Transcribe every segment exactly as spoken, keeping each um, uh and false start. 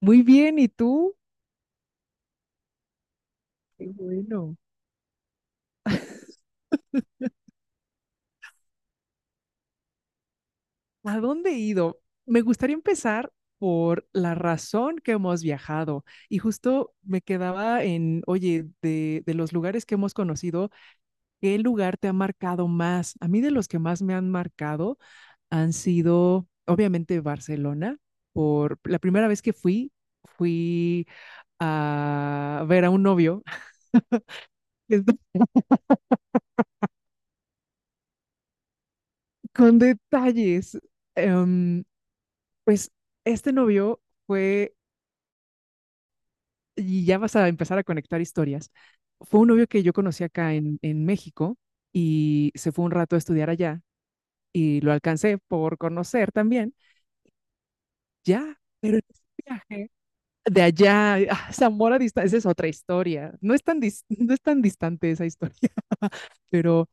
Muy bien, ¿y tú? Qué bueno. ¿A dónde he ido? Me gustaría empezar por la razón que hemos viajado. Y justo me quedaba en, oye, de, de los lugares que hemos conocido, ¿qué lugar te ha marcado más? A mí, de los que más me han marcado, han sido, obviamente, Barcelona. Por la primera vez que fui, fui, a ver a un novio. Con detalles. Em, pues este novio... fue, y ya vas a empezar a conectar historias. Fue un novio que yo conocí acá en, en México, y se fue un rato a estudiar allá, y lo alcancé por conocer también, ya. Pero en ese viaje de allá a Zamora dista, esa es otra historia, no es tan, dis- no es tan distante esa historia. Pero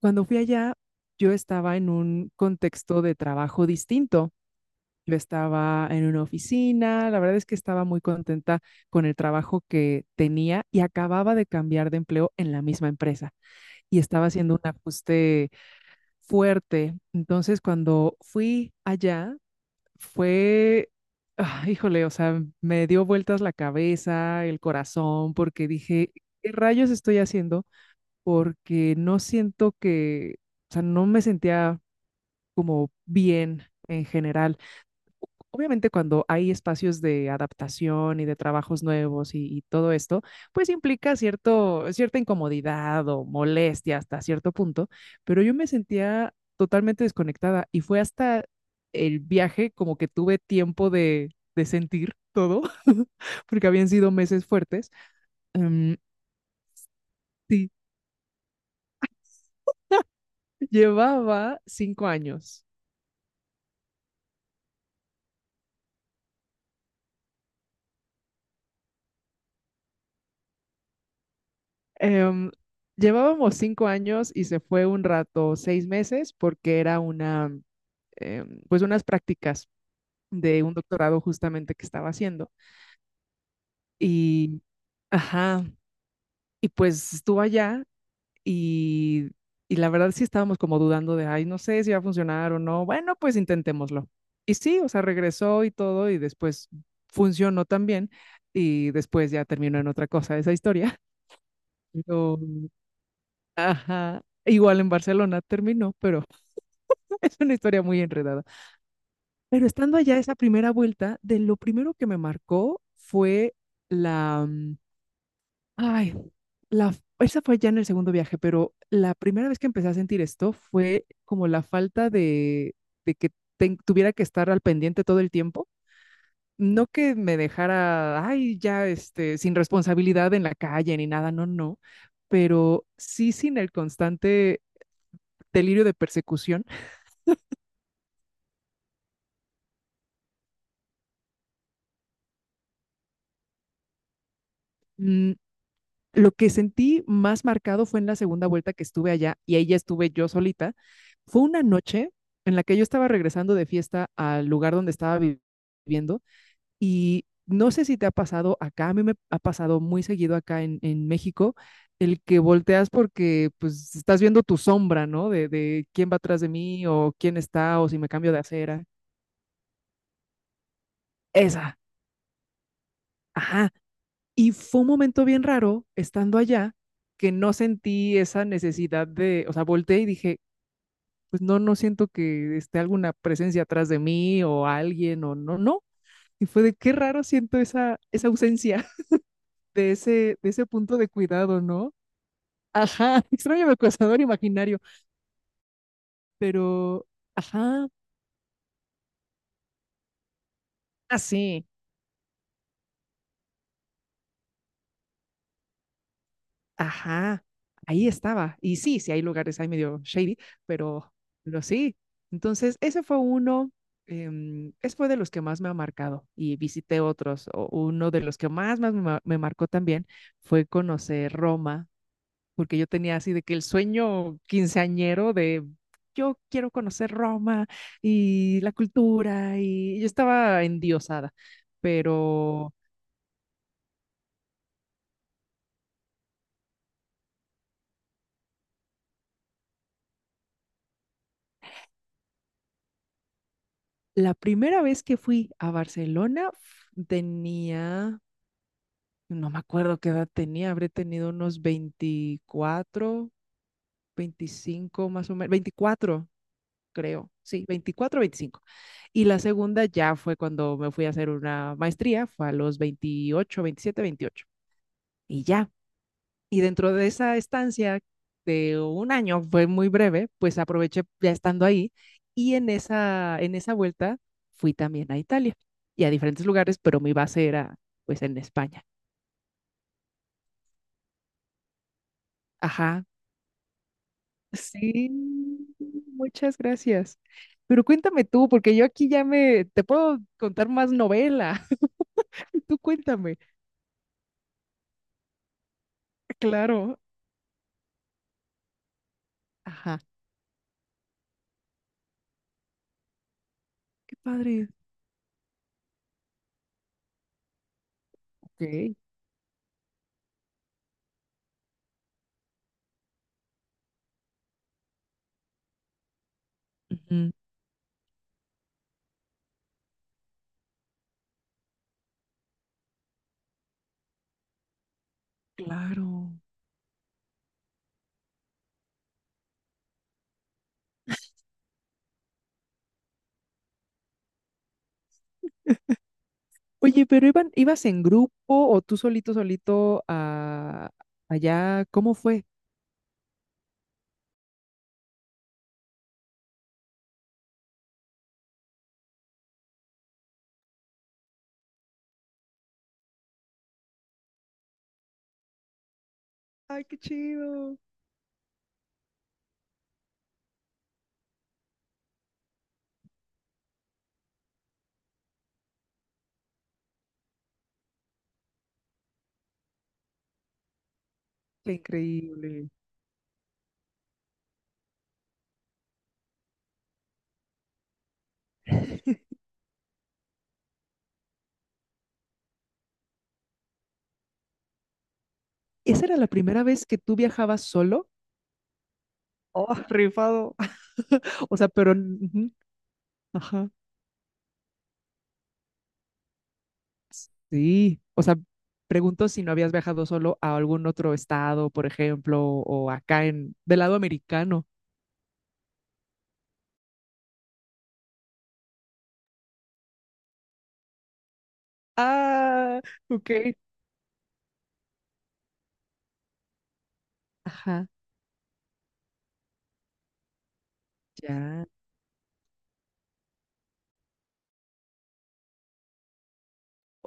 cuando fui allá, yo estaba en un contexto de trabajo distinto. Yo estaba en una oficina, la verdad es que estaba muy contenta con el trabajo que tenía, y acababa de cambiar de empleo en la misma empresa, y estaba haciendo un ajuste fuerte. Entonces, cuando fui allá, fue, ah, híjole, o sea, me dio vueltas la cabeza, el corazón, porque dije, ¿qué rayos estoy haciendo? Porque no siento que, o sea, no me sentía como bien en general. Obviamente, cuando hay espacios de adaptación y de trabajos nuevos, y, y todo esto, pues implica cierto, cierta incomodidad o molestia hasta cierto punto, pero yo me sentía totalmente desconectada, y fue hasta el viaje como que tuve tiempo de, de, sentir todo, porque habían sido meses fuertes. Em, sí, llevaba cinco años. Em, Llevábamos cinco años y se fue un rato, seis meses, porque era una eh, pues unas prácticas de un doctorado justamente que estaba haciendo. Y, ajá, y pues estuvo allá, y, y la verdad sí estábamos como dudando de, ay, no sé si va a funcionar o no. Bueno, pues intentémoslo. Y sí, o sea, regresó y todo, y después funcionó también, y después ya terminó en otra cosa esa historia. Pero, ajá, igual en Barcelona terminó, pero es una historia muy enredada. Pero estando allá esa primera vuelta, de lo primero que me marcó fue la, mm, ay, la, esa fue ya en el segundo viaje, pero la primera vez que empecé a sentir esto fue como la falta de, de, que ten- tuviera que estar al pendiente todo el tiempo. No que me dejara, ay, ya, este, sin responsabilidad en la calle ni nada, no, no, pero sí sin el constante delirio de persecución. Mm, Lo que sentí más marcado fue en la segunda vuelta que estuve allá, y ahí ya estuve yo solita. Fue una noche en la que yo estaba regresando de fiesta al lugar donde estaba viviendo, y no sé si te ha pasado acá, a mí me ha pasado muy seguido acá en, en, México, el que volteas porque pues estás viendo tu sombra, ¿no? De, de quién va atrás de mí, o quién está, o si me cambio de acera. Esa, ajá. Y fue un momento bien raro estando allá que no sentí esa necesidad de, o sea, volteé y dije, pues no, no siento que esté alguna presencia atrás de mí o alguien, o no, no. Y fue de qué raro siento esa, esa ausencia de ese, de ese, punto de cuidado, ¿no? Ajá, extraño mi acosador imaginario, pero, ajá, así. Ajá, ahí estaba. Y sí, sí hay lugares ahí medio shady, pero, pero sí. Entonces, ese fue uno, em, ese fue de los que más me ha marcado, y visité otros. O- uno de los que más, más me, ma- me marcó también fue conocer Roma, porque yo tenía así de que el sueño quinceañero de yo quiero conocer Roma y la cultura, y yo estaba endiosada, pero... La primera vez que fui a Barcelona f- tenía No me acuerdo qué edad tenía, habré tenido unos veinticuatro, veinticinco, más o menos. Veinticuatro, creo, sí, veinticuatro, veinticinco. Y la segunda ya fue cuando me fui a hacer una maestría, fue a los veintiocho, veintisiete, veintiocho. Y ya, y dentro de esa estancia de un año, fue muy breve, pues aproveché ya estando ahí, y en esa, en esa vuelta fui también a Italia y a diferentes lugares, pero mi base era pues en España. Ajá. Sí, muchas gracias. Pero cuéntame tú, porque yo aquí ya me, te puedo contar más novela. Tú cuéntame. Claro. Ajá. Qué padre. Ok. Ujú. Claro. Oye, pero iban, ¿ibas en grupo o tú solito, solito, a, allá? ¿Cómo fue? Ay, qué chido. Qué increíble. ¿Esa era la primera vez que tú viajabas solo? Oh, rifado. O sea, pero... ujú. Ajá. Sí, o sea, pregunto si no habías viajado solo a algún otro estado, por ejemplo, o acá en del lado americano. Ah, ok. Ajá, ya.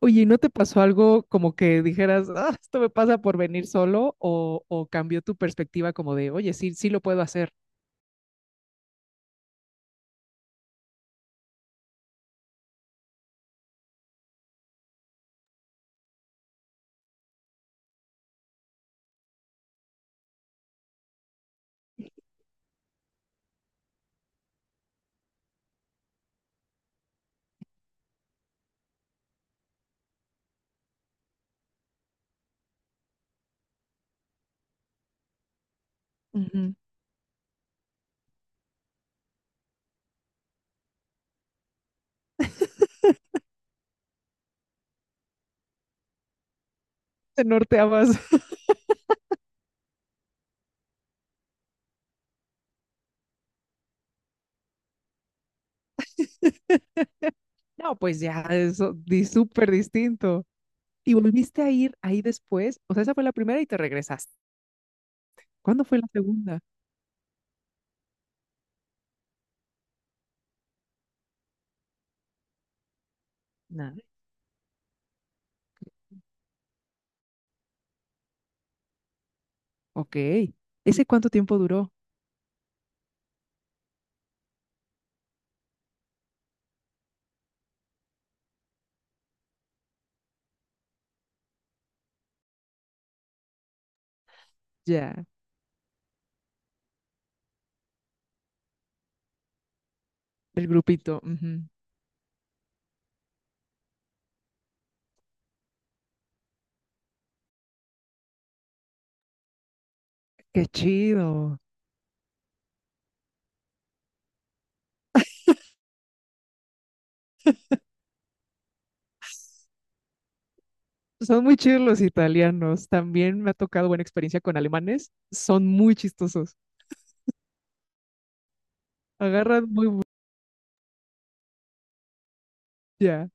Oye, ¿y no te pasó algo como que dijeras, ah, esto me pasa por venir solo? O, o cambió tu perspectiva como de, oye, sí, sí lo puedo hacer. Ujú. Te norteabas. No, pues ya, eso di súper distinto. ¿Y volviste a ir ahí después? O sea, esa fue la primera y te regresaste. ¿Cuándo fue la segunda? Ok. ¿Ese cuánto tiempo duró? Ya, el grupito. Ujú. Qué chido. Son muy chidos los italianos. También me ha tocado buena experiencia con alemanes. Son muy chistosos. Agarran muy bu- ya.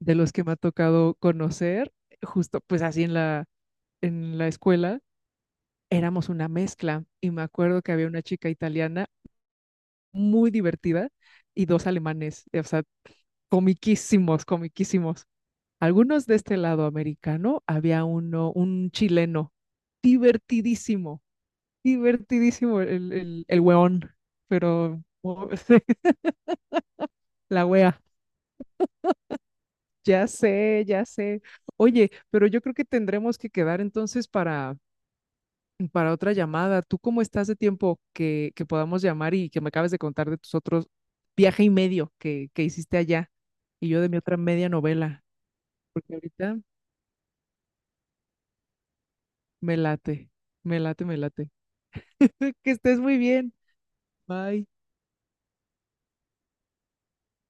De los que me ha tocado conocer, justo pues así en la, en la, escuela, éramos una mezcla. Y me acuerdo que había una chica italiana muy divertida y dos alemanes. O sea, comiquísimos, comiquísimos. Algunos de este lado americano, había uno, un chileno, divertidísimo, divertidísimo el, el, el hueón, pero oh, la wea. Ya sé, ya sé. Oye, pero yo creo que tendremos que quedar entonces para, para, otra llamada. ¿Tú cómo estás de tiempo, que, que podamos llamar y que me acabes de contar de tus otros viaje y medio que, que hiciste allá, y yo de mi otra media novela? Porque ahorita me late, me late, me late. Que estés muy bien. Bye.